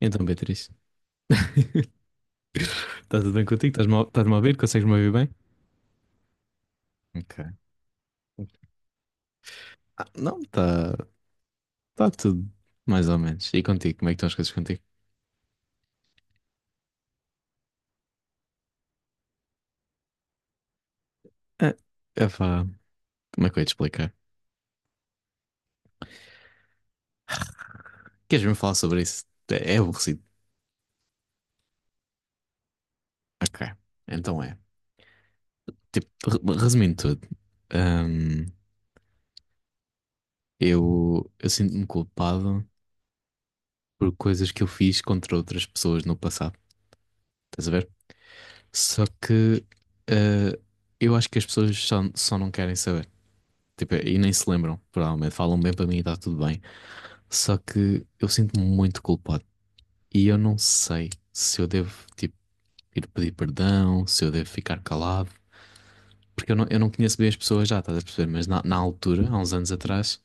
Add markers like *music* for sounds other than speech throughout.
Então, Beatriz, *laughs* está tudo bem contigo? Estás-me a ouvir? Consegues-me ouvir bem? Ok. Ah, não, está tá tudo mais ou menos. E contigo, como é que estão as coisas contigo? Ah, epá, como é que eu ia te explicar? Queres mesmo falar sobre isso? É aborrecido. Ok, então é. Tipo, resumindo tudo, hum, eu sinto-me culpado por coisas que eu fiz contra outras pessoas no passado. Estás a ver? Só que ah, eu acho que as pessoas só não querem saber. Tipo, e nem se lembram, provavelmente. Falam bem para mim e está tudo bem. Só que eu sinto-me muito culpado. E eu não sei se eu devo, tipo, ir pedir perdão, se eu devo ficar calado. Porque eu não conheço bem as pessoas já, estás a perceber? Mas na altura, há uns anos atrás,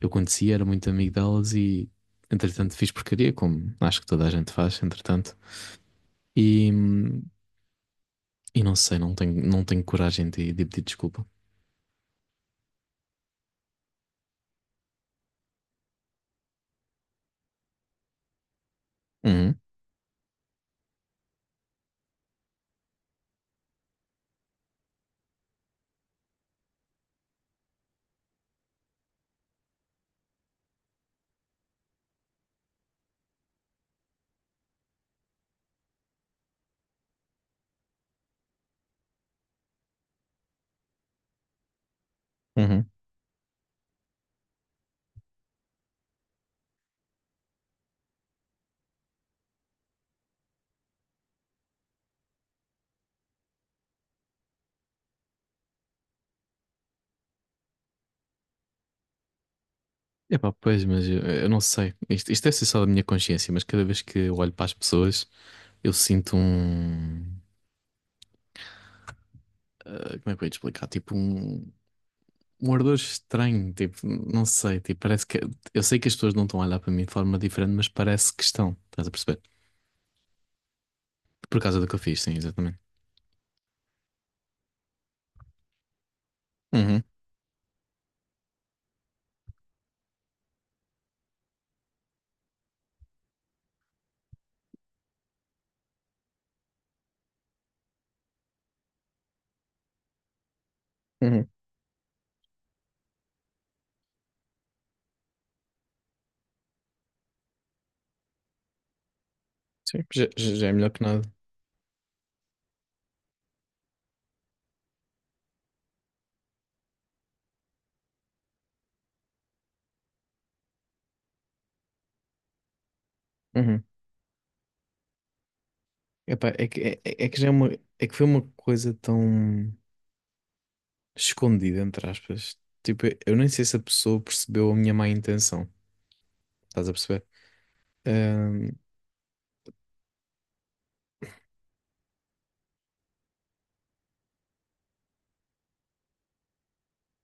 eu conhecia, era muito amigo delas e, entretanto, fiz porcaria, como acho que toda a gente faz, entretanto. E, hum, e não sei, não tenho coragem de pedir desculpa. Uhum, uhum. Epá, pois, mas eu não sei. Isto deve ser só da minha consciência, mas cada vez que eu olho para as pessoas, eu sinto um. Ah, como é que eu ia te explicar? Tipo, um ardor estranho. Tipo, não sei. Tipo, parece que. Eu sei que as pessoas não estão a olhar para mim de forma diferente, mas parece que estão. Estás a perceber? Por causa do que eu fiz, sim, exatamente. Uhum, uhum. Sim, já já é melhor que nada. Uhum. Epá, é que, é que já é uma. É que foi uma coisa tão escondida, entre aspas. Tipo, eu nem sei se a pessoa percebeu a minha má intenção. Estás a perceber? Ahm,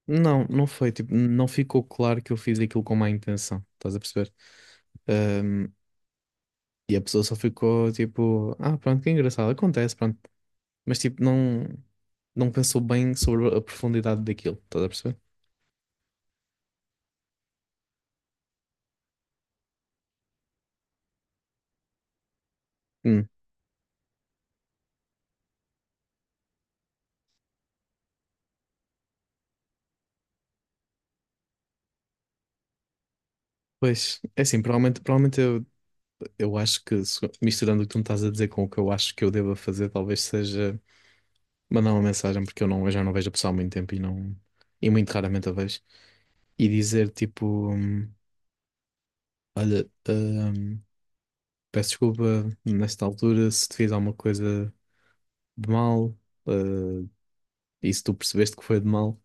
não, não foi. Tipo, não ficou claro que eu fiz aquilo com má intenção. Estás a perceber? Ahm, e a pessoa só ficou tipo, ah, pronto, que engraçado, acontece, pronto. Mas tipo, não, não pensou bem sobre a profundidade daquilo. Estás a perceber? Hum, Pois, é assim, provavelmente eu acho que misturando o que tu me estás a dizer com o que eu acho que eu deva fazer, talvez seja mandar uma mensagem, porque eu já não vejo a pessoa há muito tempo e não, e muito raramente a vejo, e dizer tipo, olha, peço desculpa nesta altura se te fiz alguma coisa de mal, eh, e se tu percebeste que foi de mal.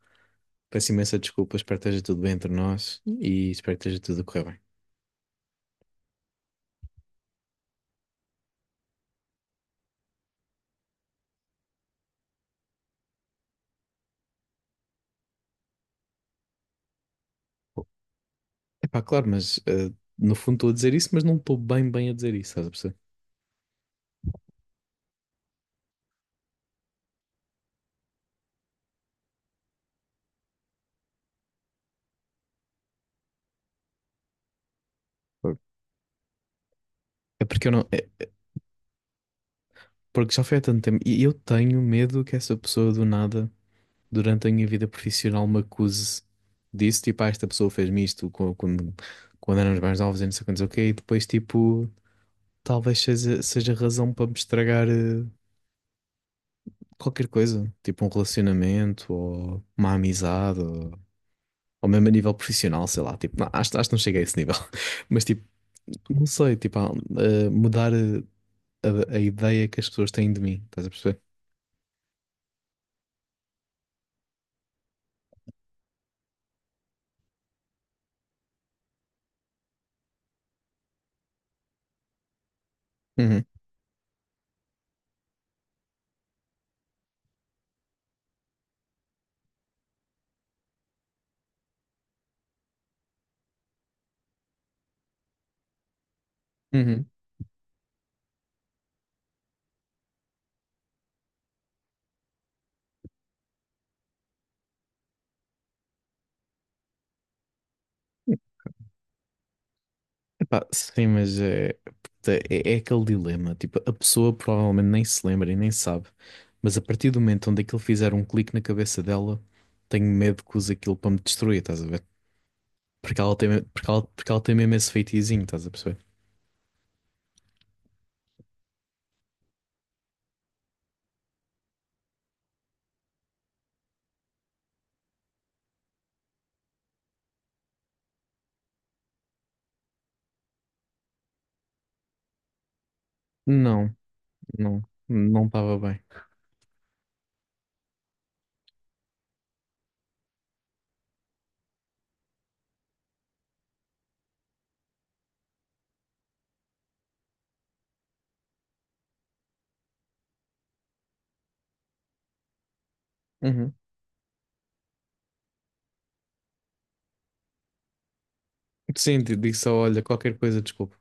Peço imensa desculpa, espero que esteja tudo bem entre nós e espero que esteja tudo a correr bem. Epá, claro, mas no fundo estou a dizer isso, mas não estou bem bem a dizer isso, estás a perceber? Por- É porque eu não, é porque já foi há tanto tempo e eu tenho medo que essa pessoa do nada, durante a minha vida profissional, me acuse disso, tipo, ah, esta pessoa fez-me isto quando éramos mais novos e não sei quantos, ok, e depois tipo. Talvez seja razão para me estragar qualquer coisa, tipo um relacionamento ou uma amizade, ou mesmo a nível profissional, sei lá. Tipo, não, acho que não cheguei a esse nível, *laughs* mas tipo, não sei, tipo, mudar a ideia que as pessoas têm de mim, estás a perceber? Uhum, uhum. Epá, sim, mas é, puta, é aquele dilema. Tipo, a pessoa provavelmente nem se lembra e nem sabe, mas a partir do momento onde aquilo fizer um clique na cabeça dela, tenho medo que use aquilo para me destruir, estás a ver? Porque ela tem, porque ela tem mesmo esse feitiozinho, estás a perceber? Não, não, não estava bem. Uhum. Sim, disse só, olha, qualquer coisa, desculpa.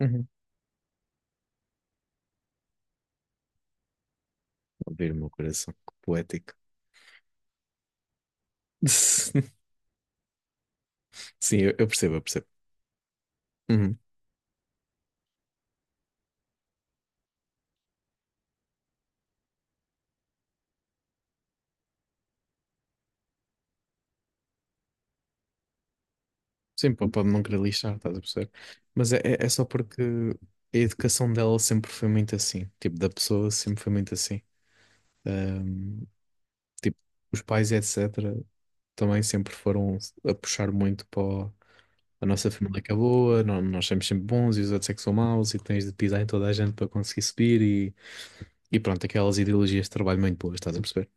Uhum. Abrir o meu coração, que poético. *laughs* Sim, eu percebo, eu percebo. Uhum. Sim, pô, pode não querer lixar, estás a perceber? Mas é, é só porque a educação dela sempre foi muito assim. Tipo, da pessoa sempre foi muito assim. Ahm, tipo, os pais, etc., também sempre foram a puxar muito para a nossa família é que é boa, nós somos sempre bons e os outros é que são maus e tens de pisar em toda a gente para conseguir subir e pronto, aquelas ideologias de trabalho muito boas, estás a perceber?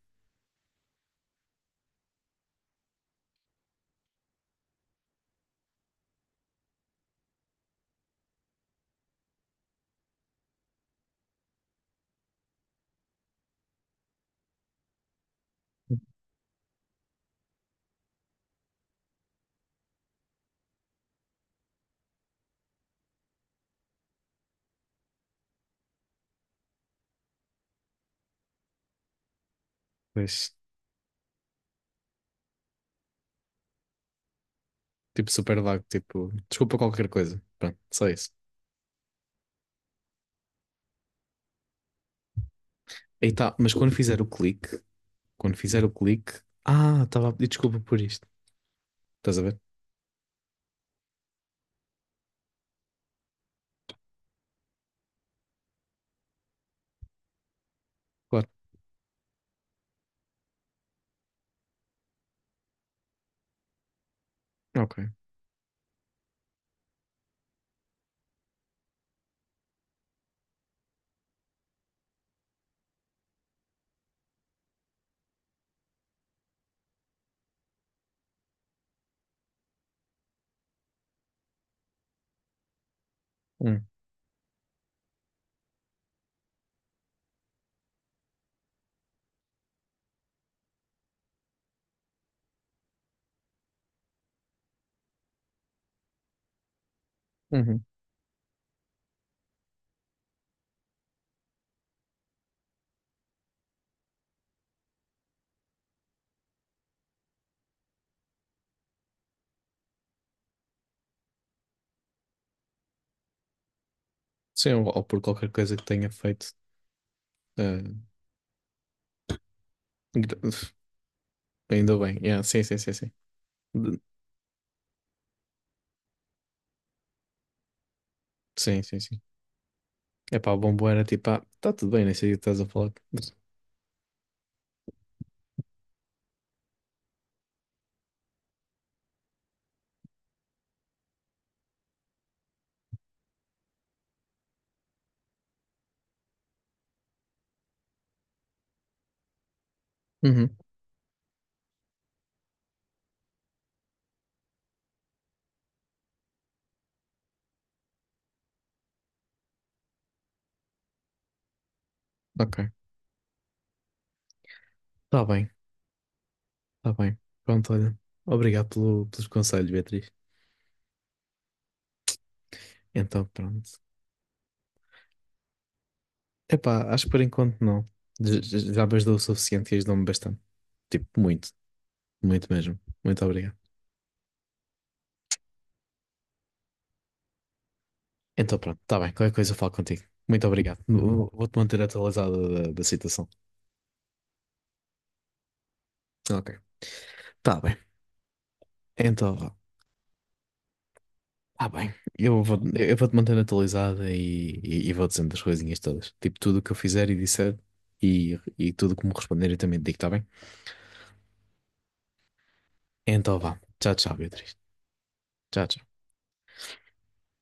Mas, tipo, super vago, tipo, desculpa qualquer coisa. Pronto, só isso. E tá, mas quando fizer o clique, quando fizer o clique, ah, estava a pedir desculpa por isto. Estás a ver? Claro. Ok. Hum. Uhum. Sim, ou por qualquer coisa que tenha feito. ah, gra- ainda bem. Yeah, sim, sim, sim, sim. De- Sim, sim, sim. Epá, o bombom era tipo, ah, tá tudo bem, nem sei o que estás a falar. *laughs* Uhum, ok. Tá bem, tá bem. Pronto, olha. Obrigado pelos conselhos, Beatriz. Então, pronto. Epá, acho que por enquanto não. Já me ajudou o suficiente e ajudou-me bastante. Tipo, muito, muito mesmo. Muito obrigado. Então, pronto, tá bem. Qualquer coisa eu falo contigo. Muito obrigado. Vou-te manter atualizado da situação. Ok. Tá bem. Então, vá. Tá bem, eu vou-te manter atualizada e, e vou dizendo as coisinhas todas. Tipo, tudo o que eu fizer e disser e tudo como responder eu também te digo, tá bem? Então vá. Tchau, tchau, Beatriz. Tchau, tchau.